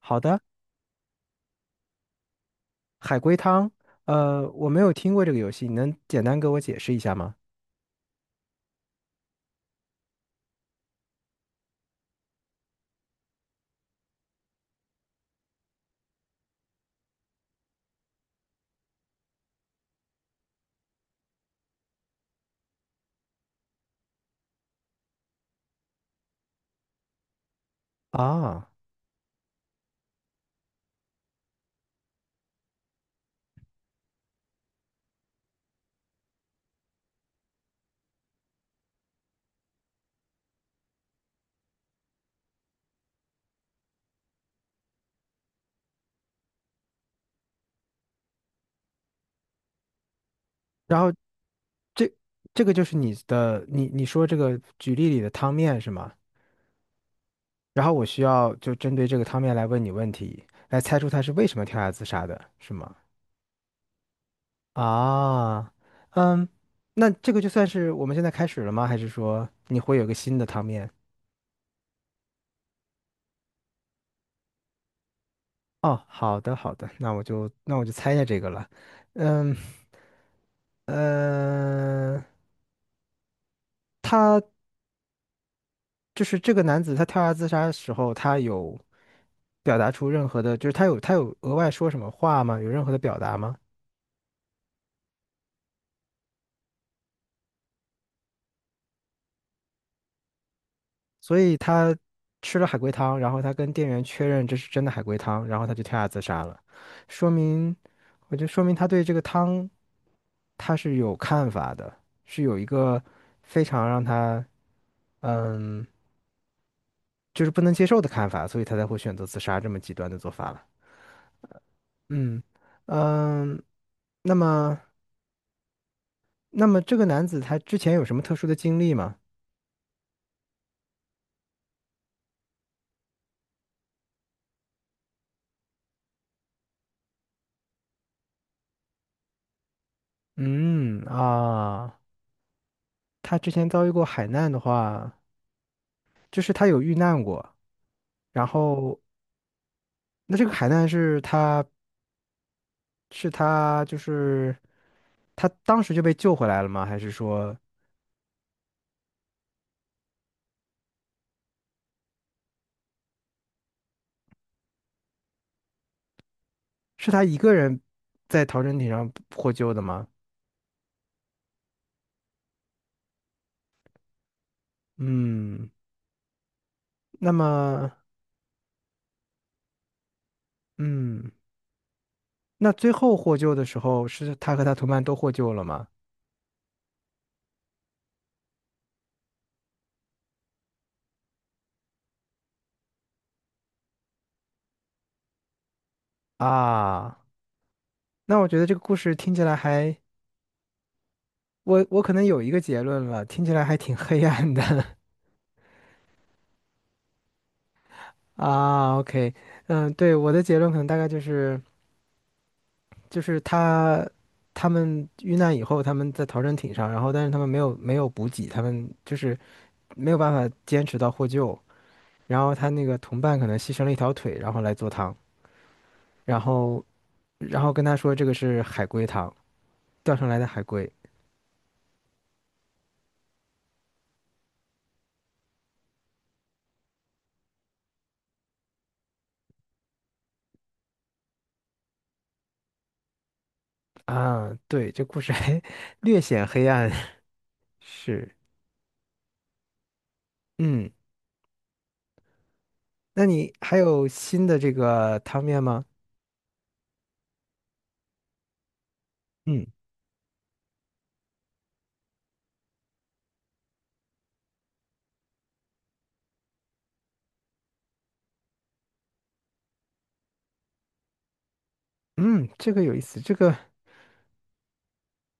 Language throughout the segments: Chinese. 好的，海龟汤，我没有听过这个游戏，你能简单给我解释一下吗？啊，然后这这个就是你的，你说这个举例里的汤面是吗？然后我需要就针对这个汤面来问你问题，来猜出他是为什么跳崖自杀的，是吗？啊，嗯，那这个就算是我们现在开始了吗？还是说你会有个新的汤面？哦，好的好的，那我就猜一下这个了，嗯。呃，他就是这个男子他跳崖自杀的时候，他有表达出任何的，就是他有额外说什么话吗？有任何的表达吗？所以他吃了海龟汤，然后他跟店员确认这是真的海龟汤，然后他就跳崖自杀了，说明，我就说明他对这个汤他是有看法的，是有一个非常让他嗯就是不能接受的看法，所以他才会选择自杀这么极端的做法了。嗯嗯，那么。那么这个男子他之前有什么特殊的经历吗？嗯啊，他之前遭遇过海难的话，就是他有遇难过，然后那这个海难是他是他就是他当时就被救回来了吗？还是说是他一个人在逃生艇上获救的吗？嗯，那么嗯，那最后获救的时候是他和他同伴都获救了吗？啊，那我觉得这个故事听起来还。我我可能有一个结论了，听起来还挺黑暗的 啊。OK，嗯，对，我的结论可能大概就是就是他他们遇难以后，他们在逃生艇上，然后但是他们没有补给，他们就是没有办法坚持到获救，然后他那个同伴可能牺牲了一条腿，然后来做汤，然后然后跟他说这个是海龟汤，钓上来的海龟啊。对，这故事还 略显黑暗，是，嗯。那你还有新的这个汤面吗？嗯嗯，这个有意思。这个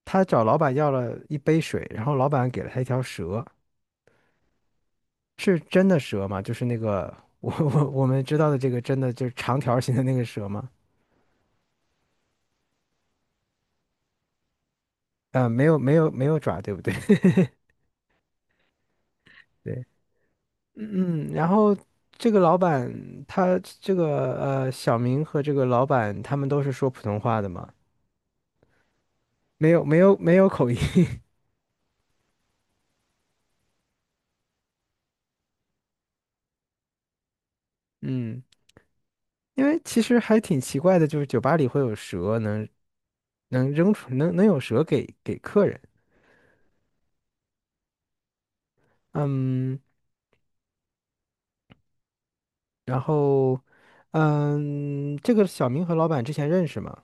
他找老板要了一杯水，然后老板给了他一条蛇，是真的蛇吗？就是那个我们知道的这个真的就是长条形的那个蛇吗？没有爪，对不对？对，嗯，嗯然后这个老板他这个小明和这个老板他们都是说普通话的吗？没有口音，嗯。因为其实还挺奇怪的，就是酒吧里会有蛇能能扔出能能有蛇给客人，嗯，然后嗯，这个小明和老板之前认识吗？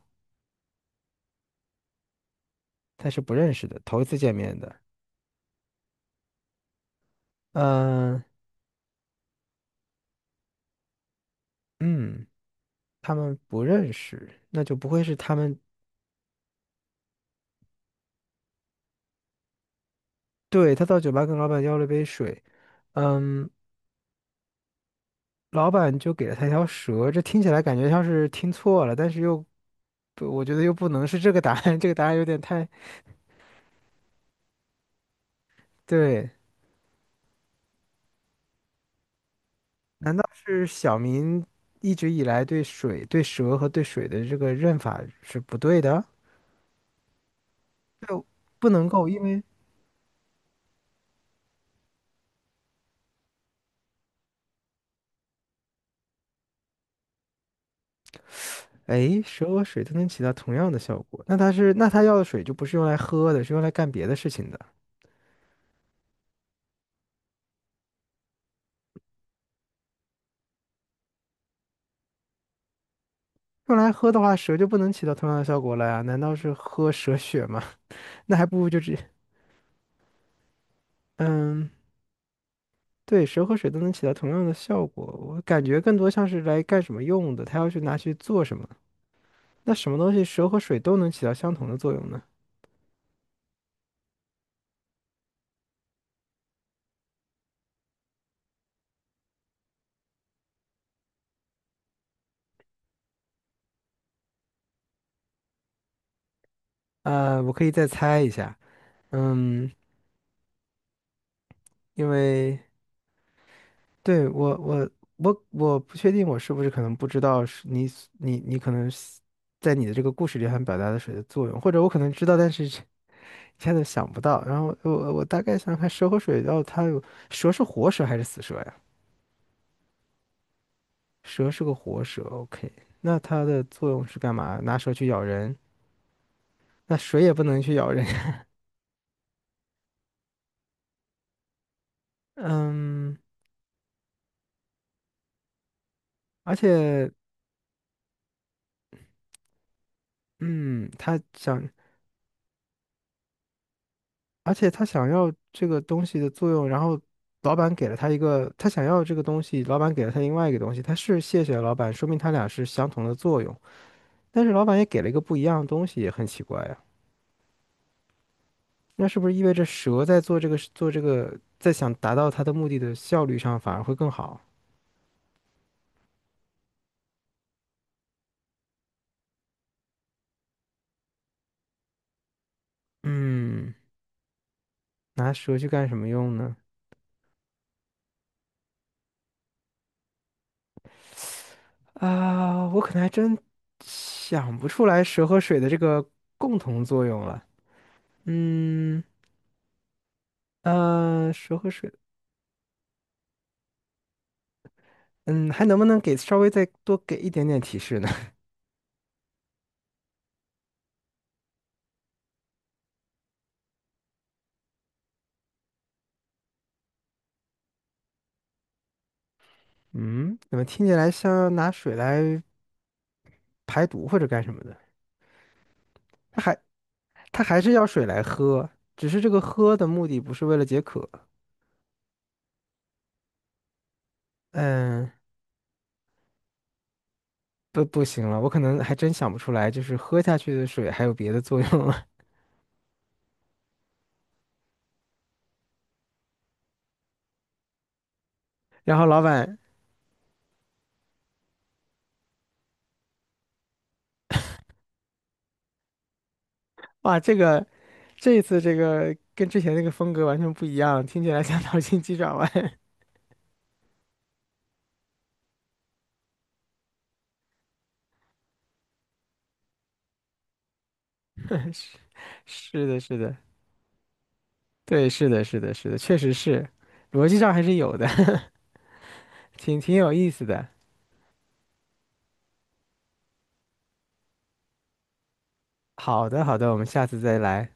他是不认识的，头一次见面的，嗯嗯，他们不认识，那就不会是他们。对，他到酒吧跟老板要了杯水，嗯，老板就给了他一条蛇，这听起来感觉像是听错了，但是又不，我觉得又不能是这个答案，这个答案有点太，对。难道是小明一直以来对水、对蛇和对水的这个认法是不对的？就不能够，因为哎，蛇和水都能起到同样的效果，那它是那它要的水就不是用来喝的，是用来干别的事情的。用来喝的话，蛇就不能起到同样的效果了呀？难道是喝蛇血吗？那还不如就直接……嗯，对，蛇和水都能起到同样的效果，我感觉更多像是来干什么用的，它要去拿去做什么？那什么东西蛇和水都能起到相同的作用呢？我可以再猜一下，嗯，因为对我不确定我是不是可能不知道是你所你你可能是在你的这个故事里想表达的水的作用，或者我可能知道，但是这一下子想不到。然后我大概想想看蛇和水，然后它有蛇是活蛇还是死蛇呀？蛇是个活蛇，OK，那它的作用是干嘛？拿蛇去咬人，那水也不能去咬人，嗯，而且嗯，它想。而且他想要这个东西的作用，然后老板给了他一个，他想要这个东西，老板给了他另外一个东西，他是谢谢了老板，说明他俩是相同的作用，但是老板也给了一个不一样的东西，也很奇怪呀、那是不是意味着蛇在做这个，在想达到它的目的的效率上反而会更好？嗯，拿蛇去干什么用呢？啊，我可能还真想不出来蛇和水的这个共同作用了。嗯，蛇和水。嗯，还能不能给稍微再多给一点点提示呢？嗯，怎么听起来像拿水来排毒或者干什么的？它还它还是要水来喝，只是这个喝的目的不是为了解渴。嗯，不不行了，我可能还真想不出来，就是喝下去的水还有别的作用了。然后老板，哇，这个这一次这个跟之前那个风格完全不一样，听起来像脑筋急转弯。是的，是的，对，是的，是的，是的，确实是，逻辑上还是有的。挺有意思的。好的，好的，我们下次再来。